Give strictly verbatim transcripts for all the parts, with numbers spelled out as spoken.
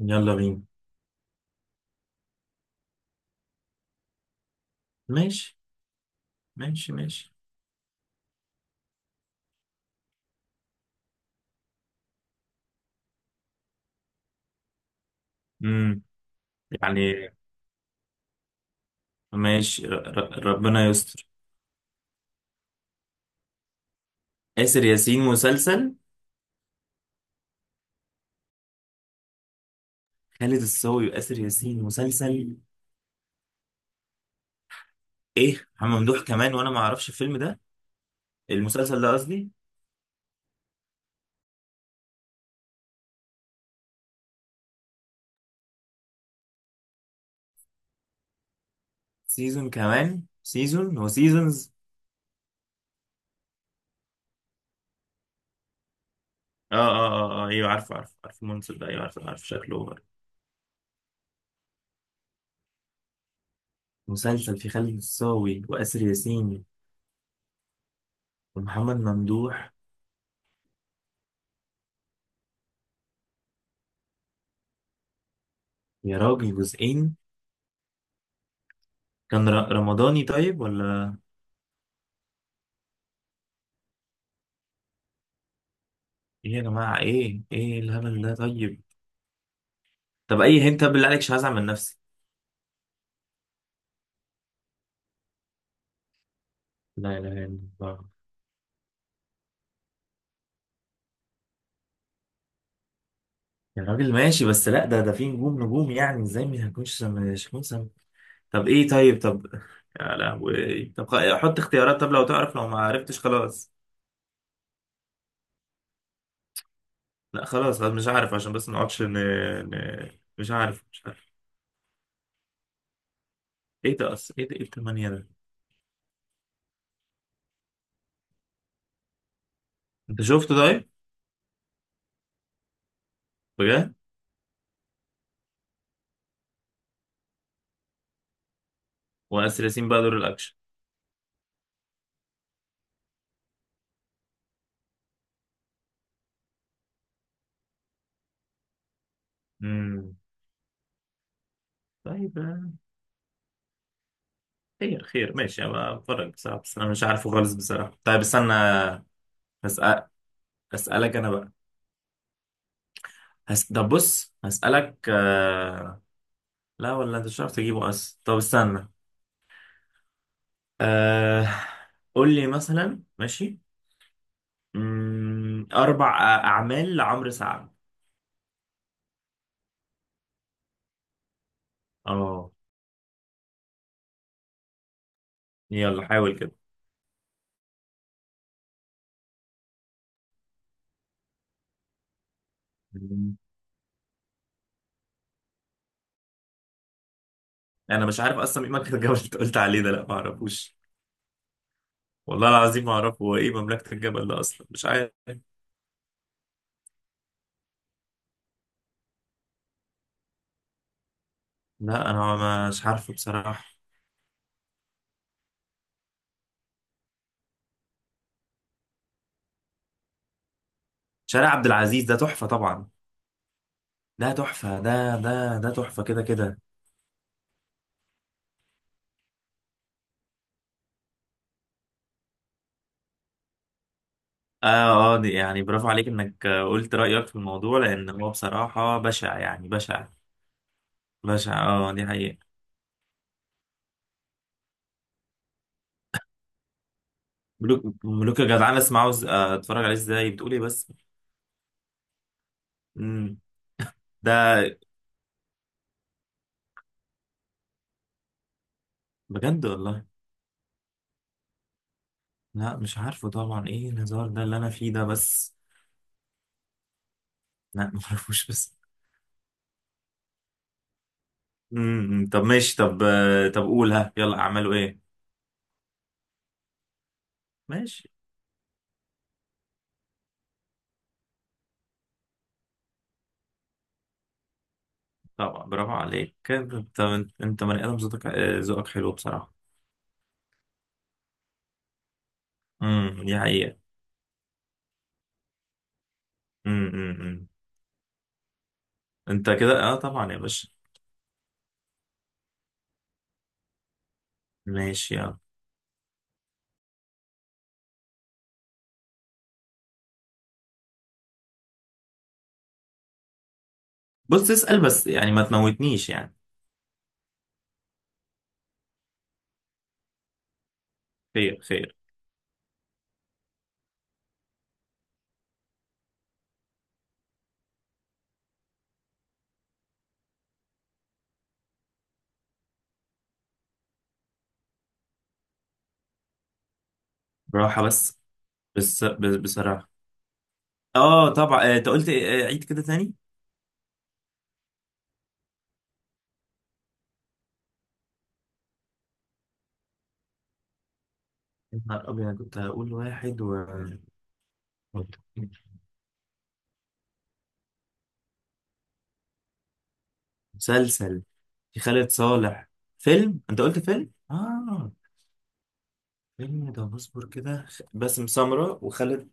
يلا بينا. ماشي ماشي. ماشي. امم يعني. ماشي، ر- ر- ربنا يستر. آسر ياسين مسلسل؟ خالد الصاوي وآسر ياسين مسلسل. ايه محمد ممدوح كمان وانا ما اعرفش الفيلم ده، المسلسل ده قصدي. سيزون كمان سيزون، هو سيزونز. اه اه اه اه ايوه عارف عارف عارف المسلسل ده، ايوه عارف عارف شكله. مسلسل في خالد الصاوي وآسر ياسين ومحمد ممدوح. يا راجل جزئين! كان ر- رمضاني طيب ولا؟ ايه يا جماعة، ايه ايه الهبل ده؟ طيب طب اي هنت بالله عليك، مش هزعل من نفسي. لا لا لا. الله. يا راجل ماشي، بس لا، ده ده في نجوم نجوم، يعني ازاي ما هكونش سم... مش هكون سم...؟ طب ايه، طيب طب، يا لهوي. طب خ- حط اختيارات، طب لو تعرف، لو ما عرفتش خلاص. لا خلاص خلاص مش عارف، عشان بس ما نقعدش ن... ن... مش عارف مش عارف. ايه ده اصلا، ايه ده، ايه التمانية ده؟ انت شفته طيب؟ بجد؟ واسر ياسين بقى دور الاكشن؟ امم طيب. خير خير ماشي، أنا بتفرج بصراحة بس أنا مش عارفه خالص بصراحة. طيب استنى. هسأل، أسألك أنا بقى. هس... طب بص هسألك، آه... لا ولا أنت مش عارف تجيبه أصلا. طب استنى. آه... قول لي مثلا ماشي. مم... أربع أ- أعمال لعمرو سعد. أه. يلا حاول كده. مم. أنا مش عارف أصلا إيه مملكة الجبل اللي أنت قلت عليه ده، لا ما أعرفوش. والله العظيم ما أعرفه هو إيه مملكة الجبل ده أصلا، مش عارف. لا أنا مش عارفه بصراحة. شارع عبد العزيز ده تحفة طبعا. ده تحفة، ده ده ده تحفة كده كده. اه اه، دي- يعني برافو عليك انك آه، قلت رأيك في الموضوع، لان هو بصراحة بشع يعني بشع. بشع، اه، دي حقيقة. ملوك ملوك يا جدعان، اسمع، عاوز آه، اتفرج عليه ازاي؟ بتقول ايه بس؟ مم. ده بجد والله؟ لا مش عارفه طبعا، ايه الهزار ده اللي انا فيه ده بس. لا، معرفوش بس. مم. طب ماشي، طب آه، طب قول ها، يلا اعملوا ايه. ماشي. طبعا برافو عليك كده انت. انت بني ادم ذوقك، آه، ذوقك حلو بصراحه. امم دي حقيقه. امم امم امم. انت كده اه طبعا يا باشا. ماشي. يلا بص اسال بس، يعني ما تموتنيش يعني. خير خير. براحه بس، بس بس- بصراحه اه طبعا. آه، انت قلت آه، عيد كده تاني. يا نهار ابيض، كنت هقول واحد و... مسلسل؟ في خالد صالح؟ فيلم، انت قلت فيلم، اه فيلم. ده بصبر كده. باسم سمرة وخالد.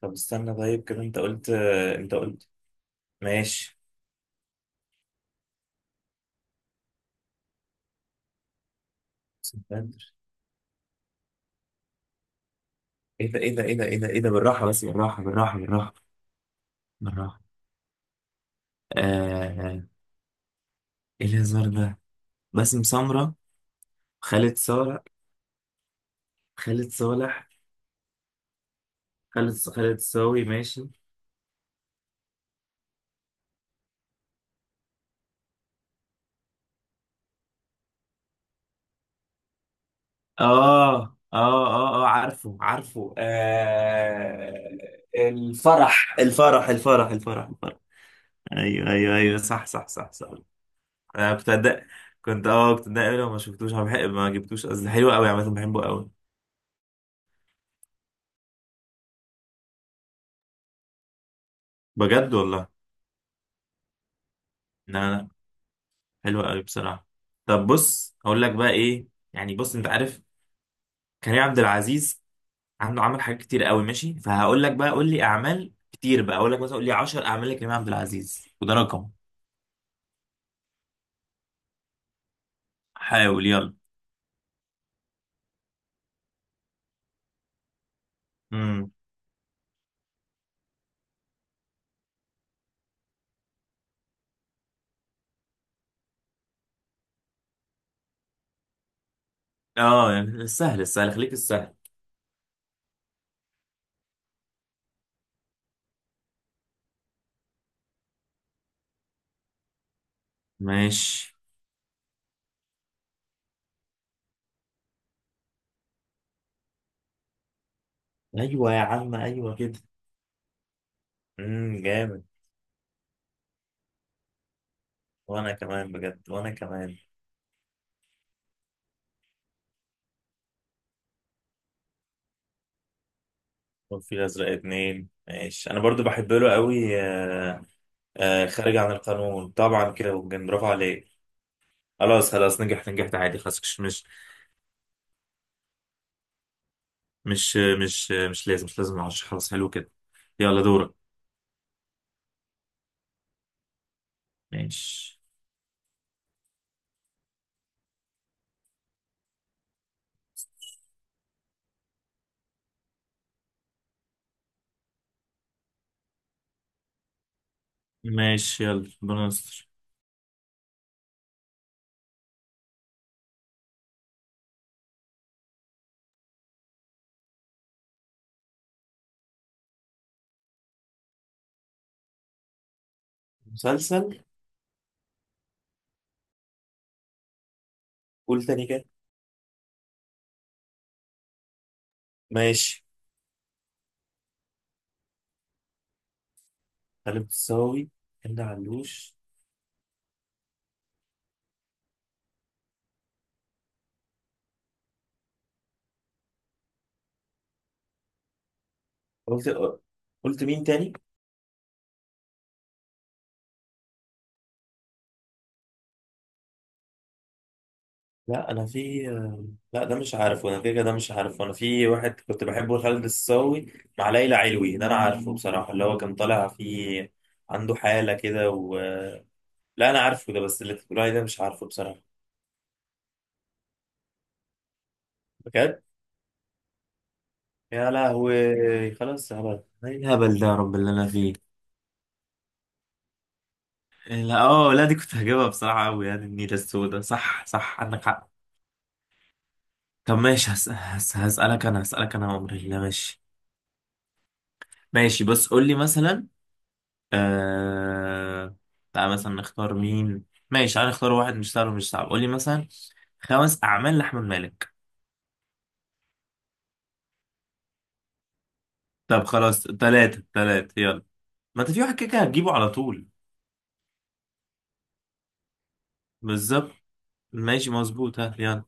طب استنى، طيب كده انت قلت، انت قلت. ماشي. سنتر. ايه ده ايه ده ايه ده ايه ده ايه ده، بالراحة بس بالراحة بالراحة بالراحة بالراحة. آه. ايه الهزار ده؟ باسم سمرة، خالد صالح، خالد صالح، خالد، خالد صاوي. ماشي. اه اه اه اه عارفه عارفه آه. الفرح الفرح الفرح الفرح الفرح! ايوه ايوه ايوه صح صح صح صح. انا كنت أدق- كنت اه كنت اتضايق أوي لو ما شفتوش، أنا بحب- ما جبتوش قصدي، حلو قوي عامة بحبه قوي. بجد والله؟ لا لا، حلوة قوي بصراحة. طب بص اقول لك بقى ايه. يعني بص انت عارف كريم عبد العزيز عنده عمل حاجات كتير قوي، ماشي؟ فهقول لك بقى قول لي اعمال كتير بقى، اقول لك مثلا قول لي عشر أعمال اعمال لكريم عبد العزيز، وده رقم. حاول يلا. امم اه. يعني السهل السهل خليك السهل. ماشي. ايوه يا عم ايوه كده. امم جامد. وانا كمان بجد وانا كمان. وفي الازرق اتنين ماشي، انا برضو بحب له قوي. آه خارج عن القانون طبعا كده، وجن، برافو عليك. خلاص خلاص نجحت نجحت عادي خلاص، مش مش مش مش مش لازم، مش لازم العشرة، خلاص حلو كده. يلا دورك. ماشي. ماشي يلا، ربنا يستر. مسلسل. قول تاني كده. ماشي. خالد الصاوي، هند علوش. قلت، قلت مين تاني؟ لا انا في... لا ده مش عارف، وانا كده كده ده مش عارف. وانا في واحد كنت بحبه، خالد الصاوي مع ليلى علوي، ده انا عارفه بصراحة اللي هو كان طالع فيه، عنده حالة كده و... لا انا عارفه ده، بس اللي انت بتقول عليه ده مش عارفه بصراحه. بجد؟ يا لهوي، خلاص، هبل، ايه الهبل ده يا رب اللي انا فيه. إيه، لا اه لا، دي كنت هجيبها بصراحه قوي يعني، النيله السوداء. صح صح عندك حق. طب ماشي، هس... هس... هسالك انا، هسالك انا عمري الله، ماشي. ماشي بس قول لي مثلا. آه... تعال مثلا نختار مين. ماشي تعال نختار واحد مش سهل ومش صعب، قول لي مثلا خمس اعمال لاحمد مالك. طب خلاص ثلاثه ثلاثه يلا، ما انت في واحد كده كده هتجيبه على طول. بالظبط. ماشي مظبوط، ها يلا.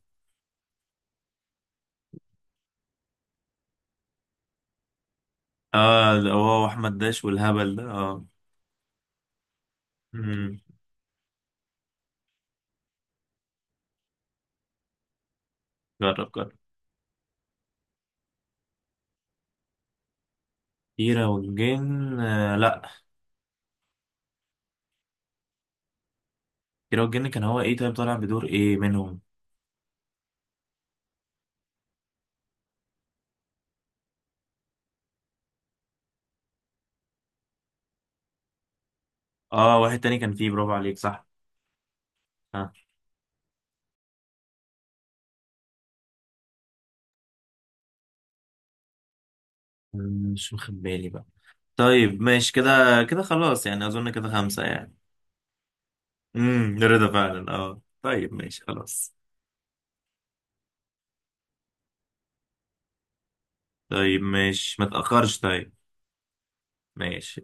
اه ده هو احمد داش والهبل ده اه. مم. جرب جرب. كيرة والجن؟ آه لا. كيرة والجن كان هو ايه؟ طيب طالع بدور ايه منهم؟ اه واحد تاني كان فيه، برافو عليك، صح. آه. مم، مش واخد بالي بقى. طيب ماشي كده، كده خلاص يعني اظن كده خمسة يعني. امم رضا فعلا اه، طيب ماشي خلاص. طيب ماشي ما تأخرش. طيب ماشي.